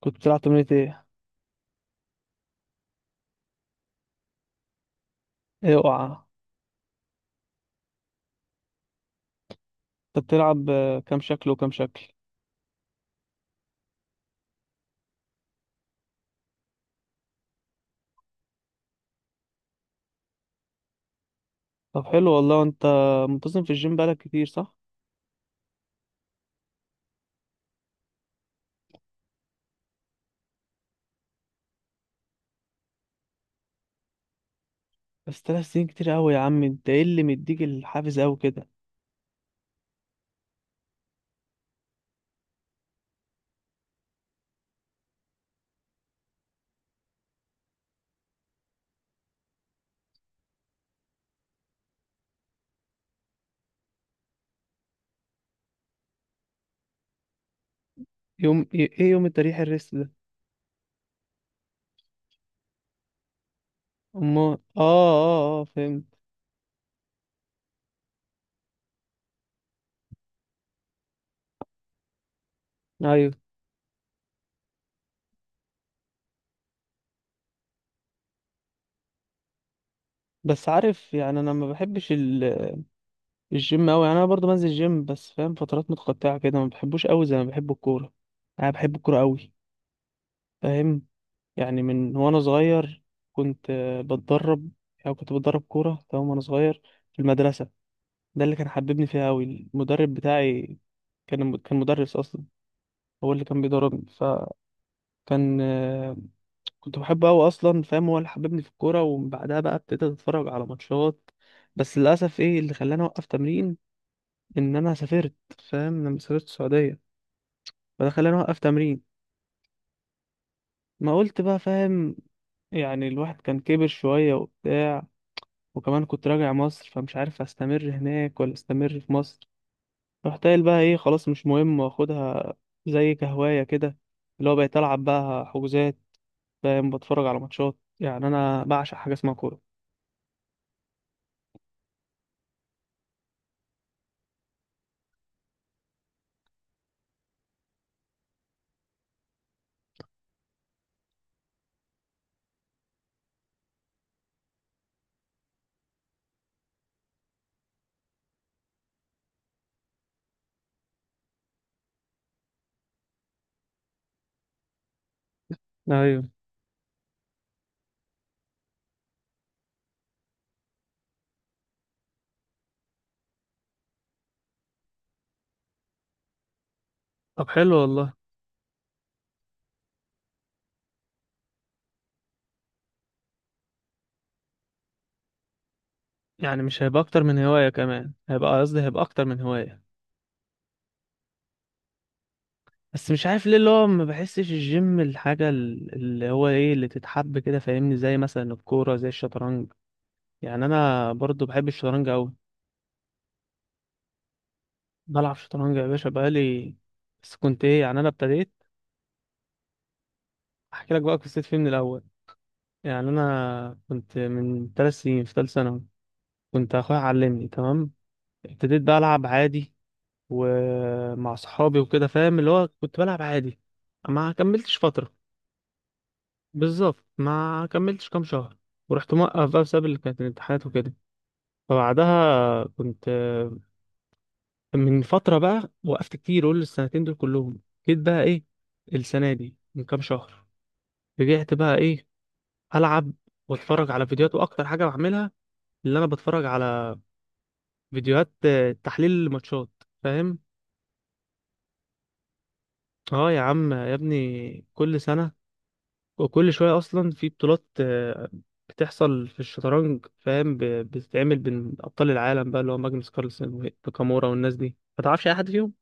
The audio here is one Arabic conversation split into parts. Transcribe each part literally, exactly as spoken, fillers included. كنت بتلعب تمرينة ايه؟ ايه اوعى. انت بتلعب آه، كام شكل وكام شكل؟ طب حلو والله. انت منتظم في الجيم بقالك كتير صح؟ بس تلات سنين كتير قوي يا عم، انت ايه اللي مديك الحافز قوي كده؟ يوم ايه يوم التريح الريست ده؟ اما اه اه اه فهمت. ايوه. بس عارف، يعني انا ما بحبش ال- الجيم قوي، يعني انا برضو بنزل جيم بس فاهم، فترات متقطعة كده ما بحبوش قوي زي ما بحب الكورة. يعني انا بحب الكورة قوي، فاهم؟ يعني من وانا صغير كنت آه، بتدرب، او كنت بتدرب كورة تمام وانا صغير في المدرسة. ده اللي كان حببني فيها أوي، المدرب بتاعي، كان كان مدرس أصلا، هو اللي كان بيدربني. فكان آه، كنت بحبه أوي أصلا، فاهم؟ هو اللي حببني في الكورة، ومن بعدها بقى ابتديت أتفرج على ماتشات. بس للأسف إيه اللي خلاني أوقف تمرين؟ إن أنا سافرت، فاهم؟ لما سافرت السعودية، فده خلاني أوقف تمرين. ما قلت بقى، فاهم؟ يعني الواحد كان كبر شوية وبتاع، وكمان كنت راجع مصر، فمش عارف استمر هناك ولا استمر في مصر. رحت قايل بقى ايه، خلاص مش مهم، واخدها زي كهواية كده، اللي هو بقيت العب بقى حجوزات، فاهم؟ بتفرج على ماتشات، يعني انا بعشق حاجة اسمها كورة. ايوه. طب حلو والله. يعني مش هيبقى اكتر من هواية، كمان هيبقى قصدي هيبقى اكتر من هواية. بس مش عارف ليه اللي هو ما بحسش الجيم الحاجة ال- اللي هو ايه اللي تتحب كده، فاهمني؟ زي مثلا الكورة، زي الشطرنج. يعني انا برضو بحب الشطرنج اوي. بلعب شطرنج يا باشا بقالي، بس كنت ايه، يعني انا ابتديت. احكي لك بقى قصتي فيه من الاول. يعني انا كنت من ثلاث سنين في ثالث ثانوي، كنت اخويا علمني تمام. ابتديت بقى العب عادي، ومع صحابي وكده، فاهم؟ اللي هو كنت بلعب عادي، ما كملتش فترة. بالظبط، ما كملتش كام شهر ورحت موقف بقى بسبب اللي كانت الامتحانات وكده. فبعدها كنت من فترة بقى، وقفت كتير، قول السنتين دول كلهم. جيت بقى ايه، السنة دي من كام شهر رجعت بقى ايه، العب واتفرج على فيديوهات. واكتر حاجه بعملها اللي انا بتفرج على فيديوهات آه، تحليل الماتشات، فاهم؟ اه يا عم يا ابني، كل سنه وكل شويه اصلا في بطولات آه، بتحصل في الشطرنج، فاهم؟ ب- بتتعمل بين ابطال العالم بقى، اللي هو ماجنوس كارلسن وكامورا والناس دي، ما تعرفش اي حد فيهم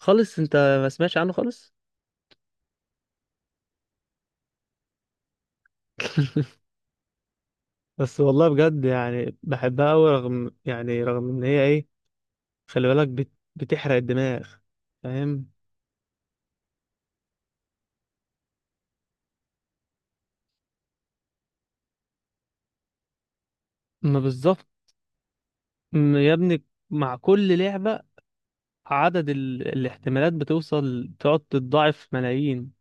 خالص انت؟ ما سمعتش عنه خالص. بس والله بجد، يعني بحبها قوي، رغم يعني رغم ان هي ايه، خلي بالك، بت- بتحرق الدماغ، فاهم؟ ما بالظبط، م- يا ابني، مع كل لعبة عدد ال... الاحتمالات بتوصل تقعد تتضاعف ملايين،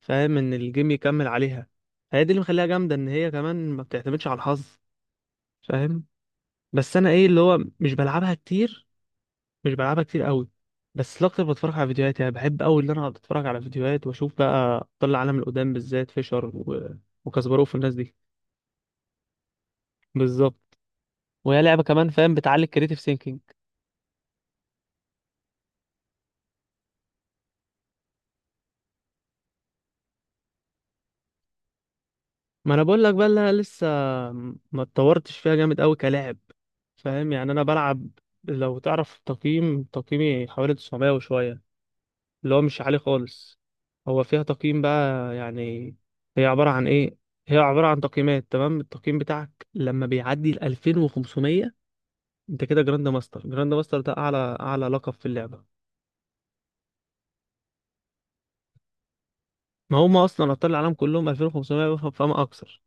فاهم؟ ان الجيم يكمل عليها. هي دي اللي مخليها جامدة، ان هي كمان ما بتعتمدش على الحظ، فاهم؟ بس انا ايه اللي هو مش بلعبها كتير، مش بلعبها كتير قوي. بس الاكتر بتفرج على فيديوهات، يعني بحب قوي ان انا اقعد اتفرج على فيديوهات واشوف بقى طلع عالم القدام، بالذات فيشر و... وكاسباروف والناس دي. بالظبط. وهي لعبة كمان فاهم بتعلي الكريتيف ثينكينج. ما انا بقول لك بقى، اللي انا لسه ما اتطورتش فيها جامد قوي كلاعب، فاهم؟ يعني انا بلعب، لو تعرف تقييم، تقييمي حوالي تسعمية وشويه، اللي هو مش عالي خالص. هو فيها تقييم بقى يعني. هي عباره عن ايه؟ هي عباره عن تقييمات. تمام، التقييم بتاعك لما بيعدي ال الفين وخمسمية، انت كده جراند ماستر. جراند ماستر ده اعلى اعلى لقب في اللعبه. ما هم اصلا ابطال العالم كلهم الفين وخمسمية فما اكثر،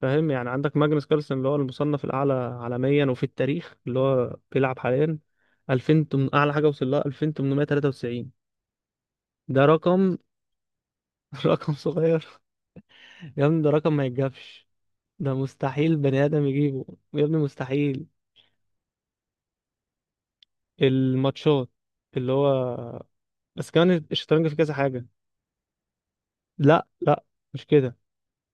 فاهم؟ يعني عندك ماجنس كارلسن، اللي هو المصنف الأعلى عالميا وفي التاريخ، اللي هو بيلعب حاليا الفين تم- أعلى حاجة وصل لها الفين وتمنمية تلاتة وتسعين. ده رقم. رقم صغير؟ يا ابني ده رقم ما يتجابش، ده مستحيل بني آدم يجيبه، يا ابني مستحيل. الماتشات، اللي هو بس كمان الشطرنج في كذا حاجة. لا لا، مش كده.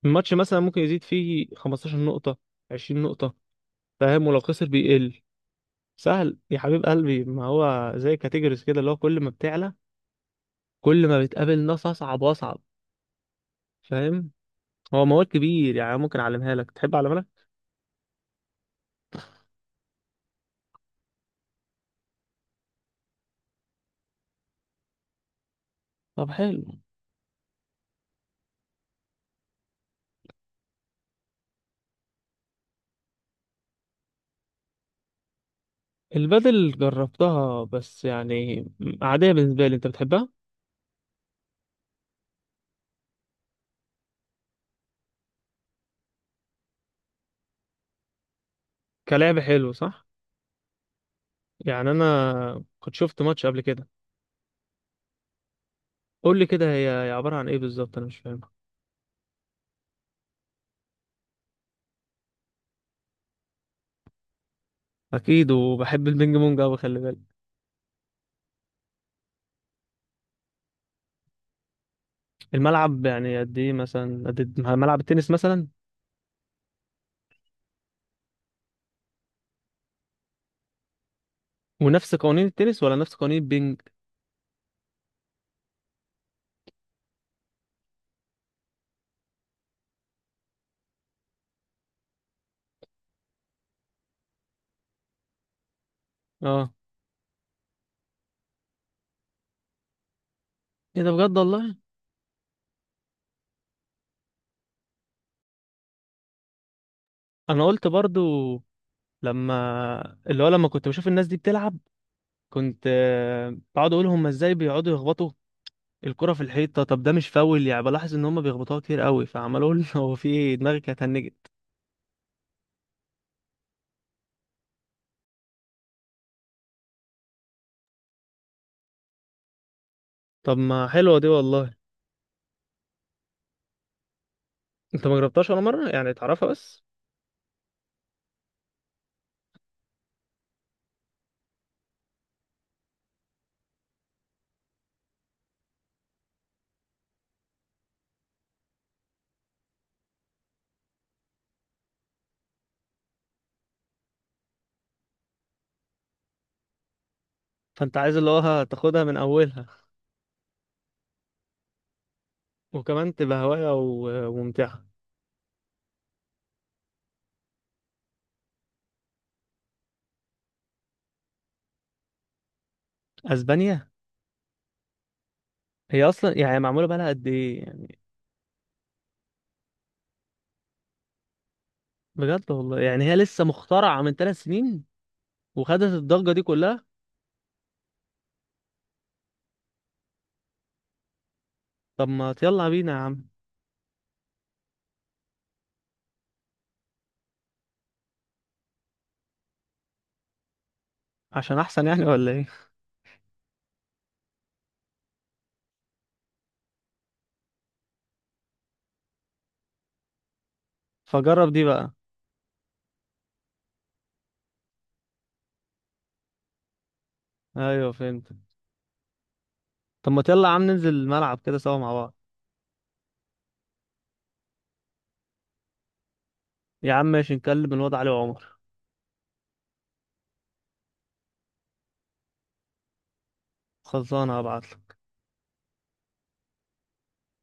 الماتش مثلا ممكن يزيد فيه 15 نقطة، 20 نقطة، فاهم؟ ولو خسر بيقل. سهل يا حبيب قلبي، ما هو زي كاتيجوريز كده، اللي هو كل ما بتعلى كل ما بتقابل ناس اصعب واصعب، فاهم؟ هو مواد كبير، يعني ممكن اعلمها لك، تحب اعلمها لك؟ طب حلو. البدل جربتها بس يعني عادية بالنسبة لي، انت بتحبها؟ كلعب حلو، صح؟ يعني انا كنت شفت ماتش قبل كده. قول لي كده، هي هي عبارة عن ايه بالظبط، انا مش فاهمها. اكيد، وبحب البينج بونج قوي، خلي بالك. الملعب يعني قد ايه، مثلا قد ملعب التنس مثلا؟ ونفس قوانين التنس ولا نفس قوانين البينج؟ اه. ايه ده، بجد والله. انا قلت برضو لما، اللي هو لما كنت بشوف الناس دي بتلعب، كنت آه، بقعد اقول هم ازاي بيقعدوا يخبطوا الكرة في الحيطة، طب ده مش فاول يعني؟ بلاحظ ان هم بيخبطوها كتير قوي، فعمال اقول، هو في ايه، دماغك هتنجت. طب ما حلوة دي والله. انت ما جربتهاش ولا مرة، يعني تعرفها بس؟ فانت عايز اللي هو تاخدها من اولها، وكمان تبقى هواية و- وممتعة. اسبانيا. هي اصلا يعني معمولة بقالها قد ايه يعني؟ بجد والله، يعني هي لسه مخترعة من ثلاث سنين وخدت الضجة دي كلها؟ طب ما يلا بينا يا عم. عشان احسن يعني ولا ايه؟ فجرب دي بقى. ايوه، فهمت. طب ما يلا يا عم، ننزل الملعب كده سوا مع بعض. يا عم ماشي، نكلم الواد علي وعمر. خلصانه هبعت.